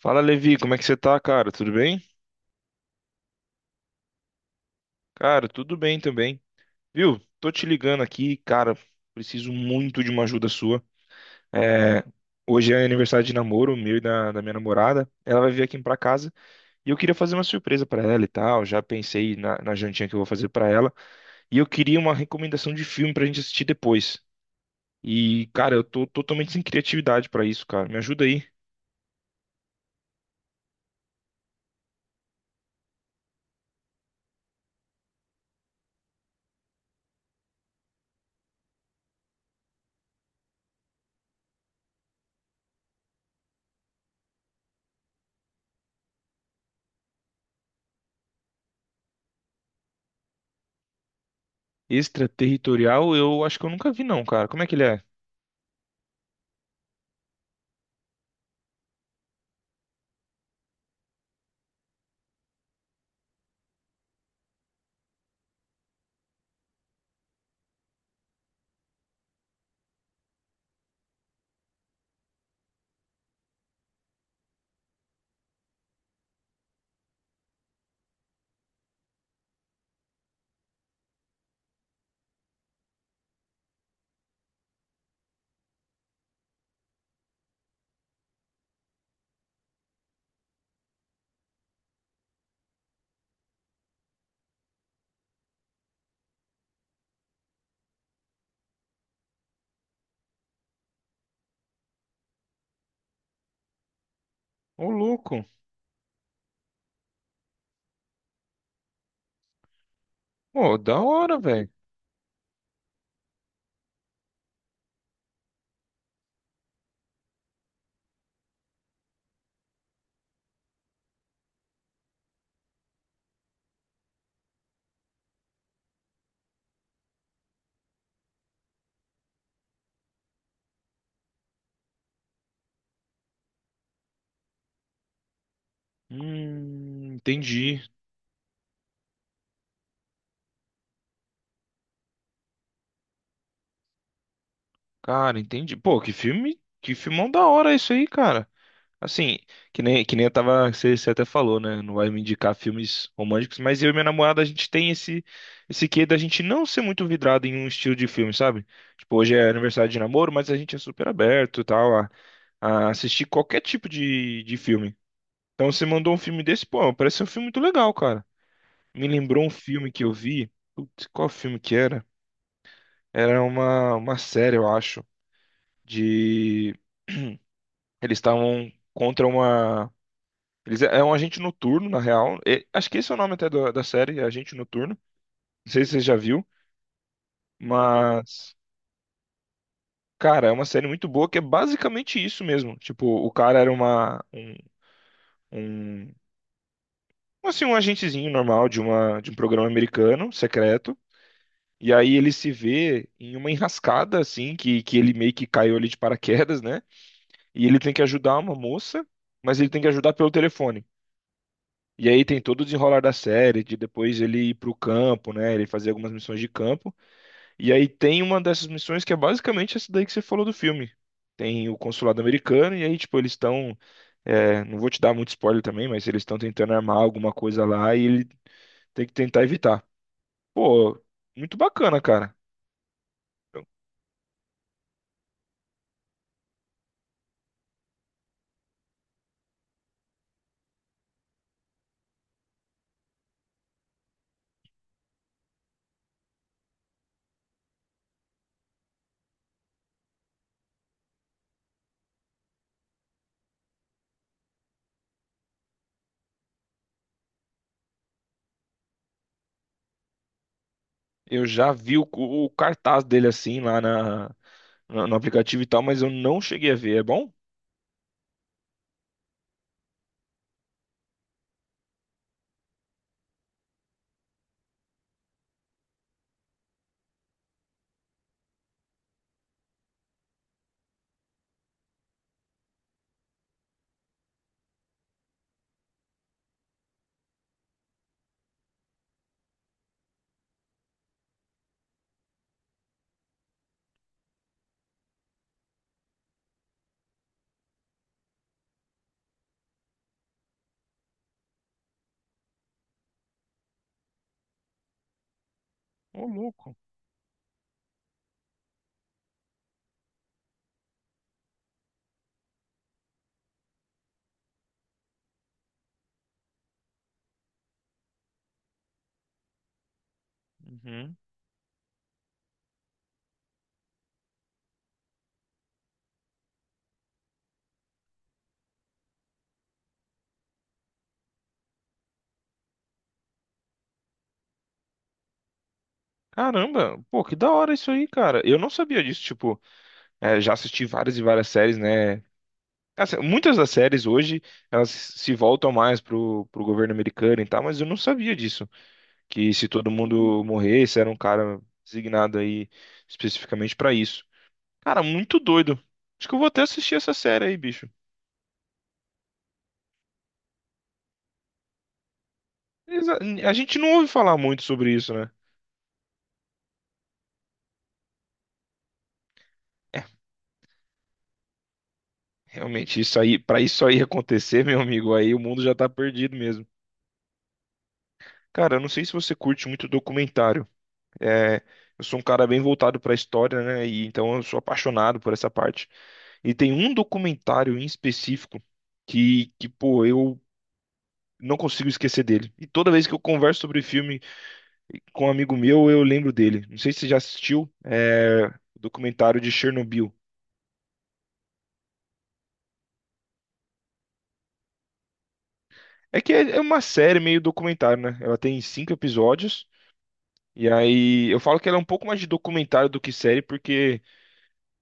Fala, Levi, como é que você tá, cara? Tudo bem? Cara, tudo bem também. Viu? Tô te ligando aqui, cara. Preciso muito de uma ajuda sua. É, hoje é aniversário de namoro meu e da minha namorada. Ela vai vir aqui pra casa e eu queria fazer uma surpresa pra ela e tal. Já pensei na jantinha que eu vou fazer pra ela. E eu queria uma recomendação de filme pra gente assistir depois. E, cara, eu tô totalmente sem criatividade pra isso, cara. Me ajuda aí. Extraterritorial, eu acho que eu nunca vi, não, cara. Como é que ele é? Ô, louco. Ô, da hora, velho. Entendi. Cara, entendi. Pô, que filme, que filmão da hora isso aí, cara. Assim, que nem eu tava, você até falou, né? Não vai me indicar filmes românticos, mas eu e minha namorada, a gente tem esse, esse quê da gente não ser muito vidrado em um estilo de filme, sabe? Tipo, hoje é aniversário de namoro, mas a gente é super aberto e tal, a assistir qualquer tipo de filme. Então você mandou um filme desse, pô, parece ser um filme muito legal, cara. Me lembrou um filme que eu vi. Putz, qual filme que era? Era uma série, eu acho. De eles estavam contra uma eles é um agente noturno na real. Acho que esse é o nome até da série, é Agente Noturno. Não sei se você já viu, mas cara, é uma série muito boa que é basicamente isso mesmo. Tipo, o cara era uma um, um assim um agentezinho normal de um programa americano secreto. E aí ele se vê em uma enrascada assim que ele meio que caiu ali de paraquedas, né? E ele tem que ajudar uma moça, mas ele tem que ajudar pelo telefone. E aí tem todo o desenrolar da série, de depois ele ir pro campo, né? Ele fazer algumas missões de campo. E aí tem uma dessas missões que é basicamente essa daí que você falou do filme. Tem o consulado americano, e aí, tipo, eles estão. É, não vou te dar muito spoiler também, mas eles estão tentando armar alguma coisa lá e ele tem que tentar evitar. Pô, muito bacana, cara. Eu já vi o cartaz dele assim lá na, no aplicativo e tal, mas eu não cheguei a ver. É bom? Ô, louco. Uhum. Caramba, pô, que da hora isso aí, cara. Eu não sabia disso, tipo, é, já assisti várias e várias séries, né? Assim, muitas das séries hoje, elas se voltam mais pro, pro governo americano e tal, mas eu não sabia disso. Que se todo mundo morresse, era um cara designado aí especificamente pra isso. Cara, muito doido. Acho que eu vou até assistir essa série aí, bicho. Exa- A gente não ouve falar muito sobre isso, né? É, realmente, isso aí, pra isso aí acontecer, meu amigo, aí o mundo já tá perdido mesmo. Cara, eu não sei se você curte muito documentário. É, eu sou um cara bem voltado para a história, né? E então eu sou apaixonado por essa parte. E tem um documentário em específico que pô, eu não consigo esquecer dele. E toda vez que eu converso sobre filme com um amigo meu, eu lembro dele. Não sei se você já assistiu, é, o documentário de Chernobyl. É que é uma série meio documentário, né? Ela tem cinco episódios. E aí, eu falo que ela é um pouco mais de documentário do que série, porque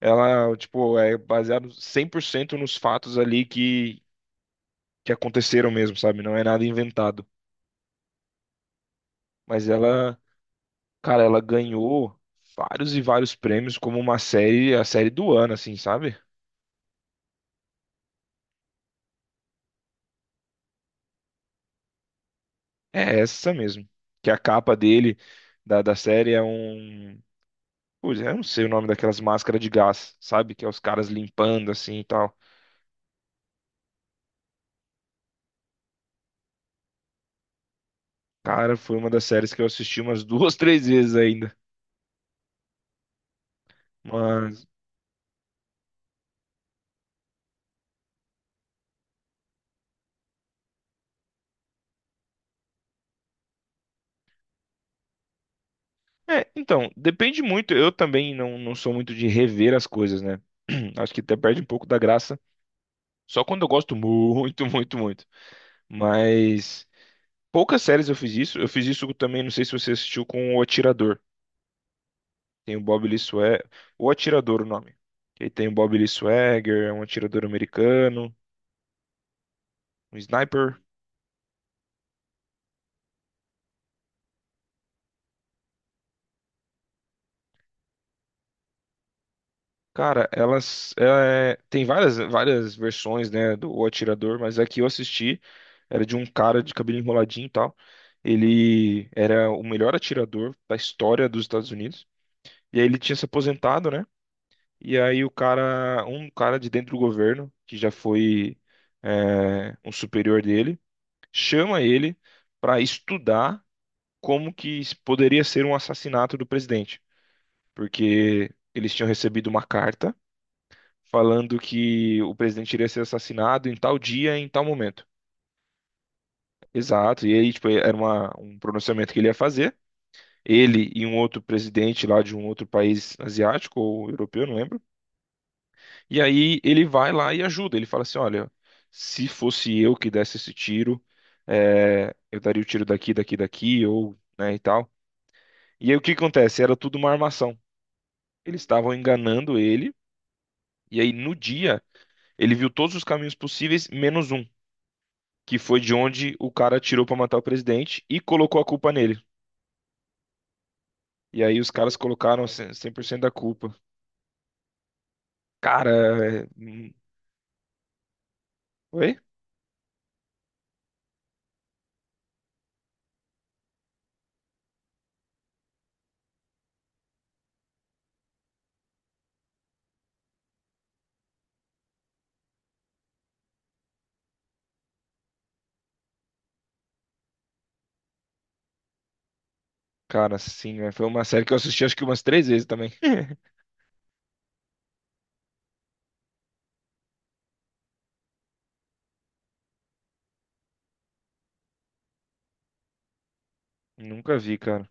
ela, tipo, é baseado 100% nos fatos ali que aconteceram mesmo, sabe? Não é nada inventado. Mas ela, cara, ela ganhou vários e vários prêmios como uma série, a série do ano, assim, sabe? É essa mesmo. Que a capa dele, da série, é um. Putz, eu não sei o nome daquelas máscaras de gás, sabe? Que é os caras limpando assim e tal. Cara, foi uma das séries que eu assisti umas duas, três vezes ainda. Mas. É, então, depende muito. Eu também não, não sou muito de rever as coisas, né? Acho que até perde um pouco da graça. Só quando eu gosto muito, muito, muito. Mas poucas séries eu fiz isso. Eu fiz isso também, não sei se você assistiu com O Atirador. Tem o Bob Lee Swagger. O Atirador, o nome. E tem o Bob Lee Swagger, é um atirador americano, um sniper. Cara, elas é, tem várias versões, né, do O Atirador, mas a que eu assisti era de um cara de cabelo enroladinho e tal. Ele era o melhor atirador da história dos Estados Unidos. E aí ele tinha se aposentado, né? E aí o cara, um cara de dentro do governo, que já foi é, um superior dele, chama ele para estudar como que isso poderia ser um assassinato do presidente, porque eles tinham recebido uma carta falando que o presidente iria ser assassinado em tal dia, em tal momento. Exato, e aí tipo, era uma, um pronunciamento que ele ia fazer, ele e um outro presidente lá de um outro país asiático ou europeu, não lembro. E aí ele vai lá e ajuda. Ele fala assim: olha, se fosse eu que desse esse tiro, é, eu daria o tiro daqui, daqui, daqui, ou, né, e tal. E aí o que acontece? Era tudo uma armação. Eles estavam enganando ele, e aí no dia ele viu todos os caminhos possíveis, menos um, que foi de onde o cara atirou pra matar o presidente e colocou a culpa nele. E aí os caras colocaram 100% da culpa. Cara, é... hum, oi? Cara, sim, é, foi uma série que eu assisti acho que umas três vezes também. Nunca vi, cara.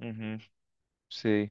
Uhum, sei.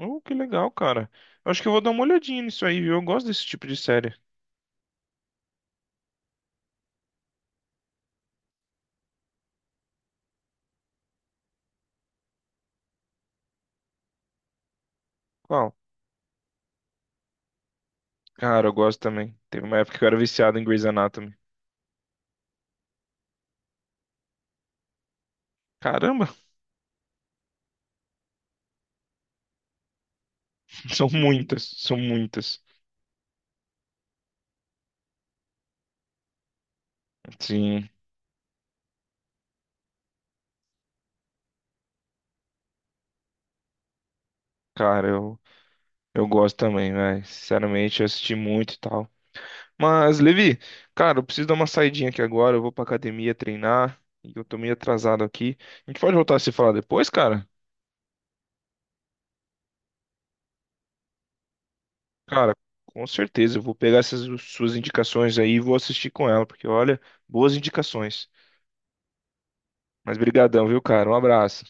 Oh, que legal, cara. Eu acho que eu vou dar uma olhadinha nisso aí, viu? Eu gosto desse tipo de série. Qual? Cara, eu gosto também. Teve uma época que eu era viciado em Grey's Anatomy. Caramba, são muitas, são muitas. Sim, cara, eu gosto também, velho. Sinceramente, eu assisti muito e tal. Mas, Levi, cara, eu preciso dar uma saidinha aqui agora. Eu vou pra academia treinar e eu tô meio atrasado aqui. A gente pode voltar a se falar depois, cara? Cara, com certeza, eu vou pegar essas suas indicações aí e vou assistir com ela, porque olha, boas indicações. Mas brigadão, viu, cara? Um abraço.